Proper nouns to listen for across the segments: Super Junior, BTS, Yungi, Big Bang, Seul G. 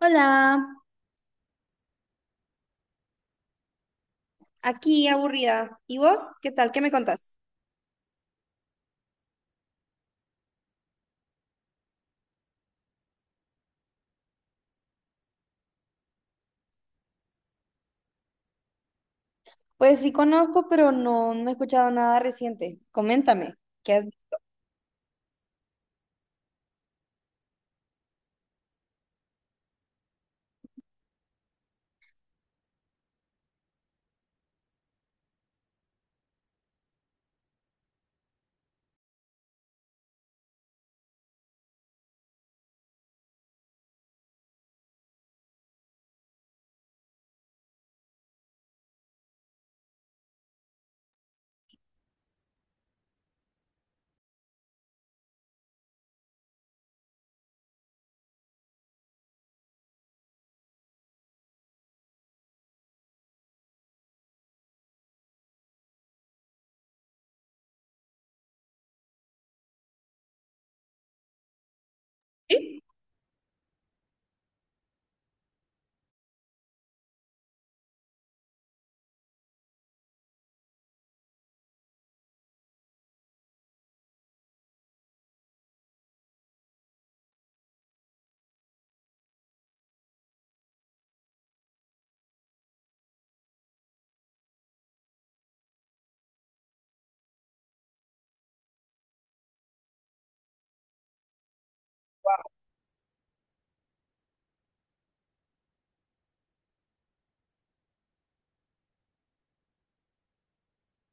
Hola. Aquí, aburrida. ¿Y vos? ¿Qué tal? ¿Qué me contás? Pues sí conozco, pero no, no he escuchado nada reciente. Coméntame, qué es.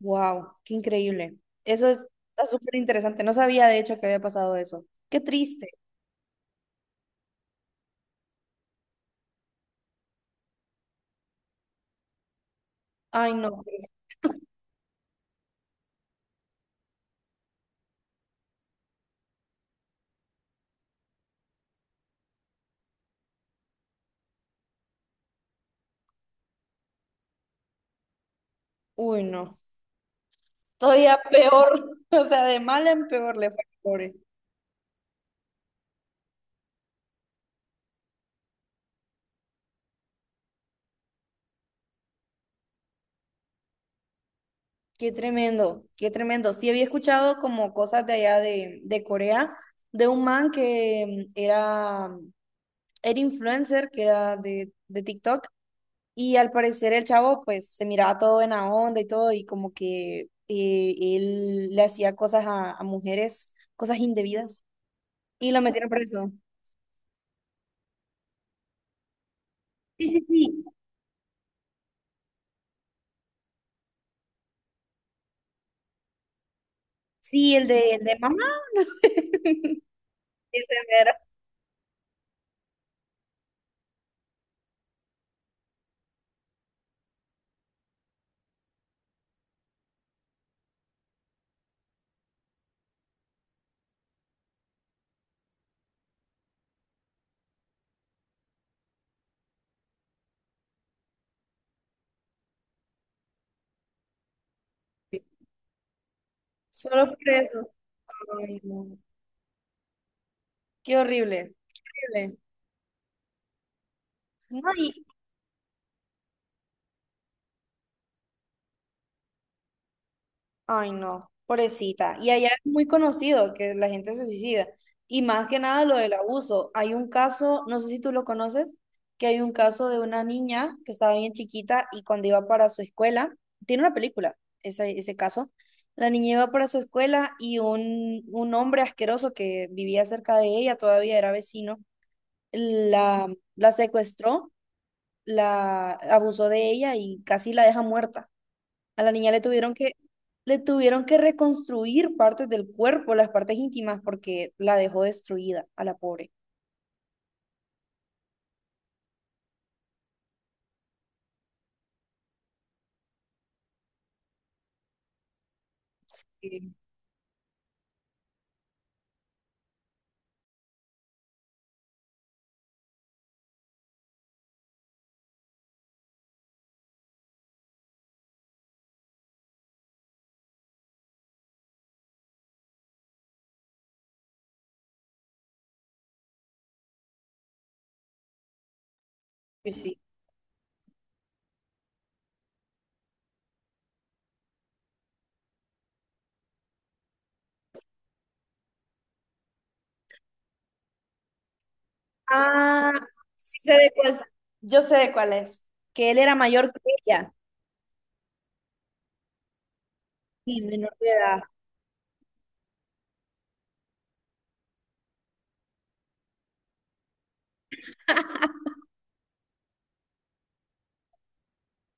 Wow, qué increíble. Eso es... está súper interesante. No sabía de hecho que había pasado eso. Qué triste. Ay, no, pero es... uy, no. Todavía peor, o sea, de mal en peor le fue al pobre. Qué tremendo, qué tremendo. Sí había escuchado como cosas de allá de Corea, de un man que era era influencer, que era de TikTok, y al parecer el chavo pues se miraba todo en la onda y todo, y como que él le hacía cosas a mujeres, cosas indebidas, y lo metieron preso. Sí, sí, sí, sí, el de mamá, no sé, ese mero. Solo por eso. Ay, no. Qué horrible, qué horrible. No, y ay, no, pobrecita. Y allá es muy conocido que la gente se suicida. Y más que nada lo del abuso. Hay un caso, no sé si tú lo conoces, que hay un caso de una niña que estaba bien chiquita y cuando iba para su escuela, tiene una película, ese caso. La niña iba para su escuela y un hombre asqueroso que vivía cerca de ella, todavía era vecino, la secuestró, la abusó de ella y casi la deja muerta. A la niña le tuvieron que reconstruir partes del cuerpo, las partes íntimas, porque la dejó destruida a la pobre. Sí. Pues sí. Ah, sí sé de cuál. Yo sé de cuál es. Que él era mayor que ella. Sí, menor de edad.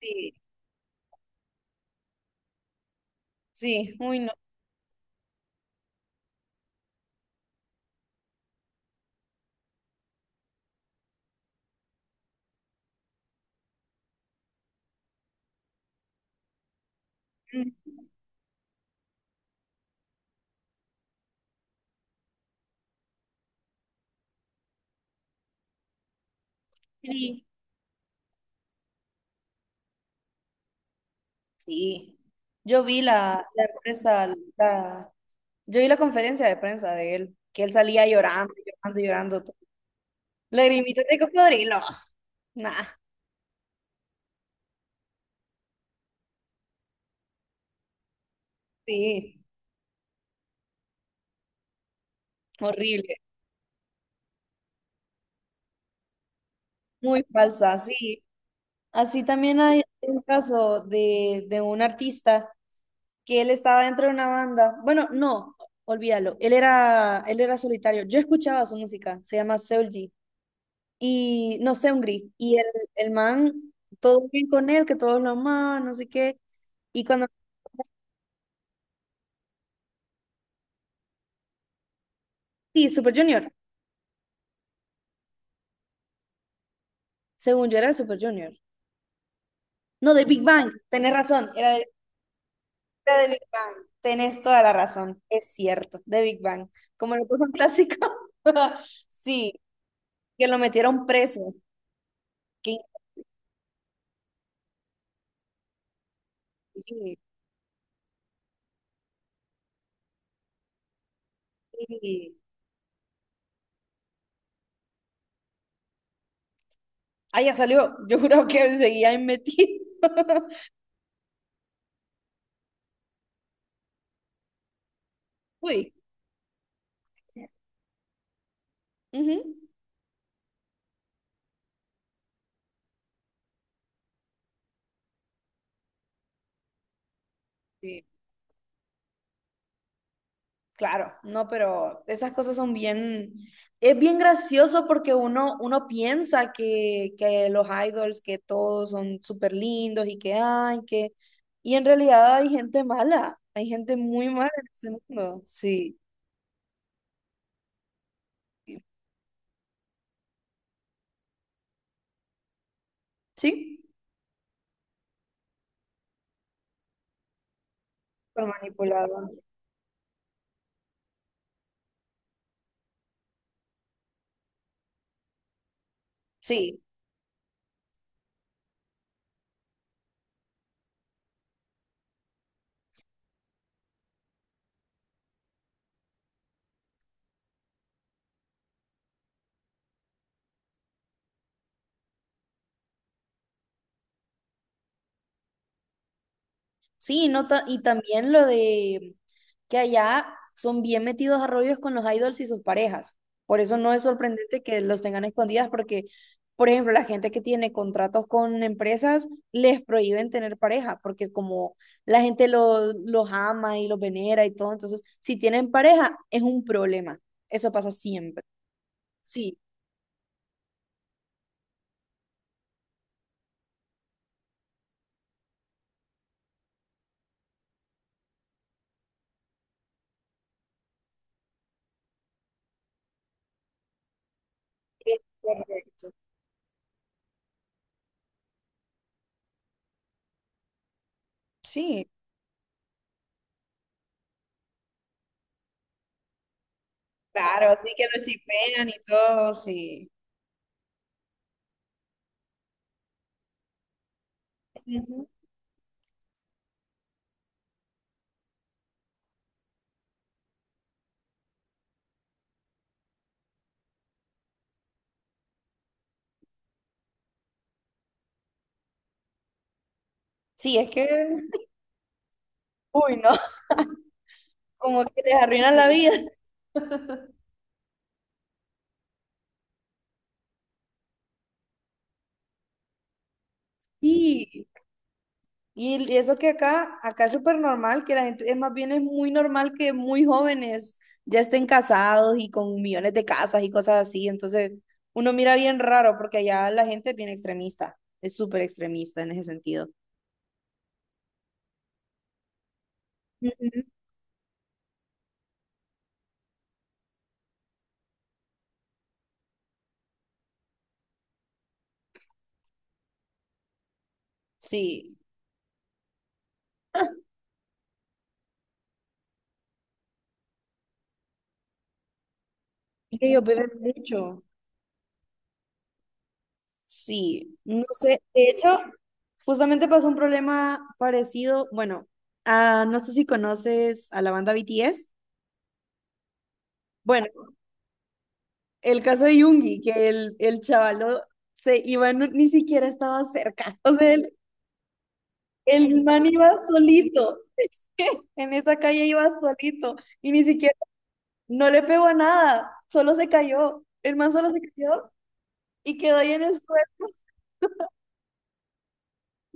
Sí. Sí, uy, no. Mm, sí. Sí. Yo vi la, la prensa, la, yo vi la conferencia de prensa de él, que él salía llorando, llorando, llorando. Lagrimitas de cocodrilo. Nah, sí. Horrible. Muy falsa, sí. Así también hay un caso de un artista que él estaba dentro de una banda. Bueno, no, olvídalo. Él era solitario. Yo escuchaba su música, se llama Seul G. Y no sé, un gris. Y el man, todo bien con él, que todos lo amaban, no sé qué. Y cuando. Sí, Super Junior. Según yo era de Super Junior. No, de Big Bang. Tenés razón, era de la de Big Bang. Tenés toda la razón, es cierto, de Big Bang. Como lo puso un clásico. Sí, que lo metieron preso. Que increíble. Sí. Ah, ya salió. Yo juro que seguía ahí metido. Uy. Ujú. Claro, no, pero esas cosas son bien, es bien gracioso porque uno, uno piensa que los idols, que todos son súper lindos y que hay, que... y en realidad hay gente mala, hay gente muy mala en este mundo, sí, sí, pero manipulada, sí. Sí, no ta- y también lo de que allá son bien metidos a rollos con los idols y sus parejas. Por eso no es sorprendente que los tengan escondidas, porque, por ejemplo, la gente que tiene contratos con empresas les prohíben tener pareja, porque como la gente lo- los ama y los venera y todo, entonces si tienen pareja es un problema. Eso pasa siempre. Sí, es correcto. Sí. Claro, así que lo shipean y todo, sí. Ujú. Sí, es que... uy, no. Como que les arruinan la vida. Y, y eso que acá, acá es súper normal, que la gente, es más bien es muy normal que muy jóvenes ya estén casados y con millones de casas y cosas así. Entonces, uno mira bien raro porque allá la gente es bien extremista, es súper extremista en ese sentido. Ujú. Sí, es que ellos beben mucho. Sí, no sé. De hecho, justamente pasó un problema parecido. Bueno, ah, no sé si conoces a la banda BTS. Bueno, el caso de Yungi, que el chavalo se iba, no- ni siquiera estaba cerca. O sea, el man iba solito. En esa calle iba solito. Y ni siquiera, no le pegó a nada. Solo se cayó. El man solo se cayó y quedó ahí en el suelo.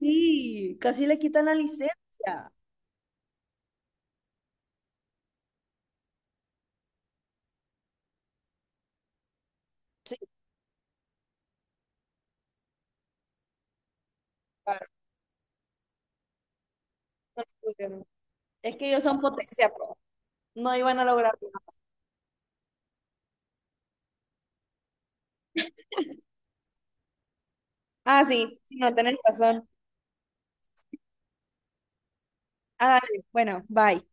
Sí, casi le quitan la licencia. Sí, claro. No lo pudieron. Es que ellos son potencia, pro. No iban a lograrlo. Ah, sí, sí, no, tenés razón. Ah, dale. Bueno, bye.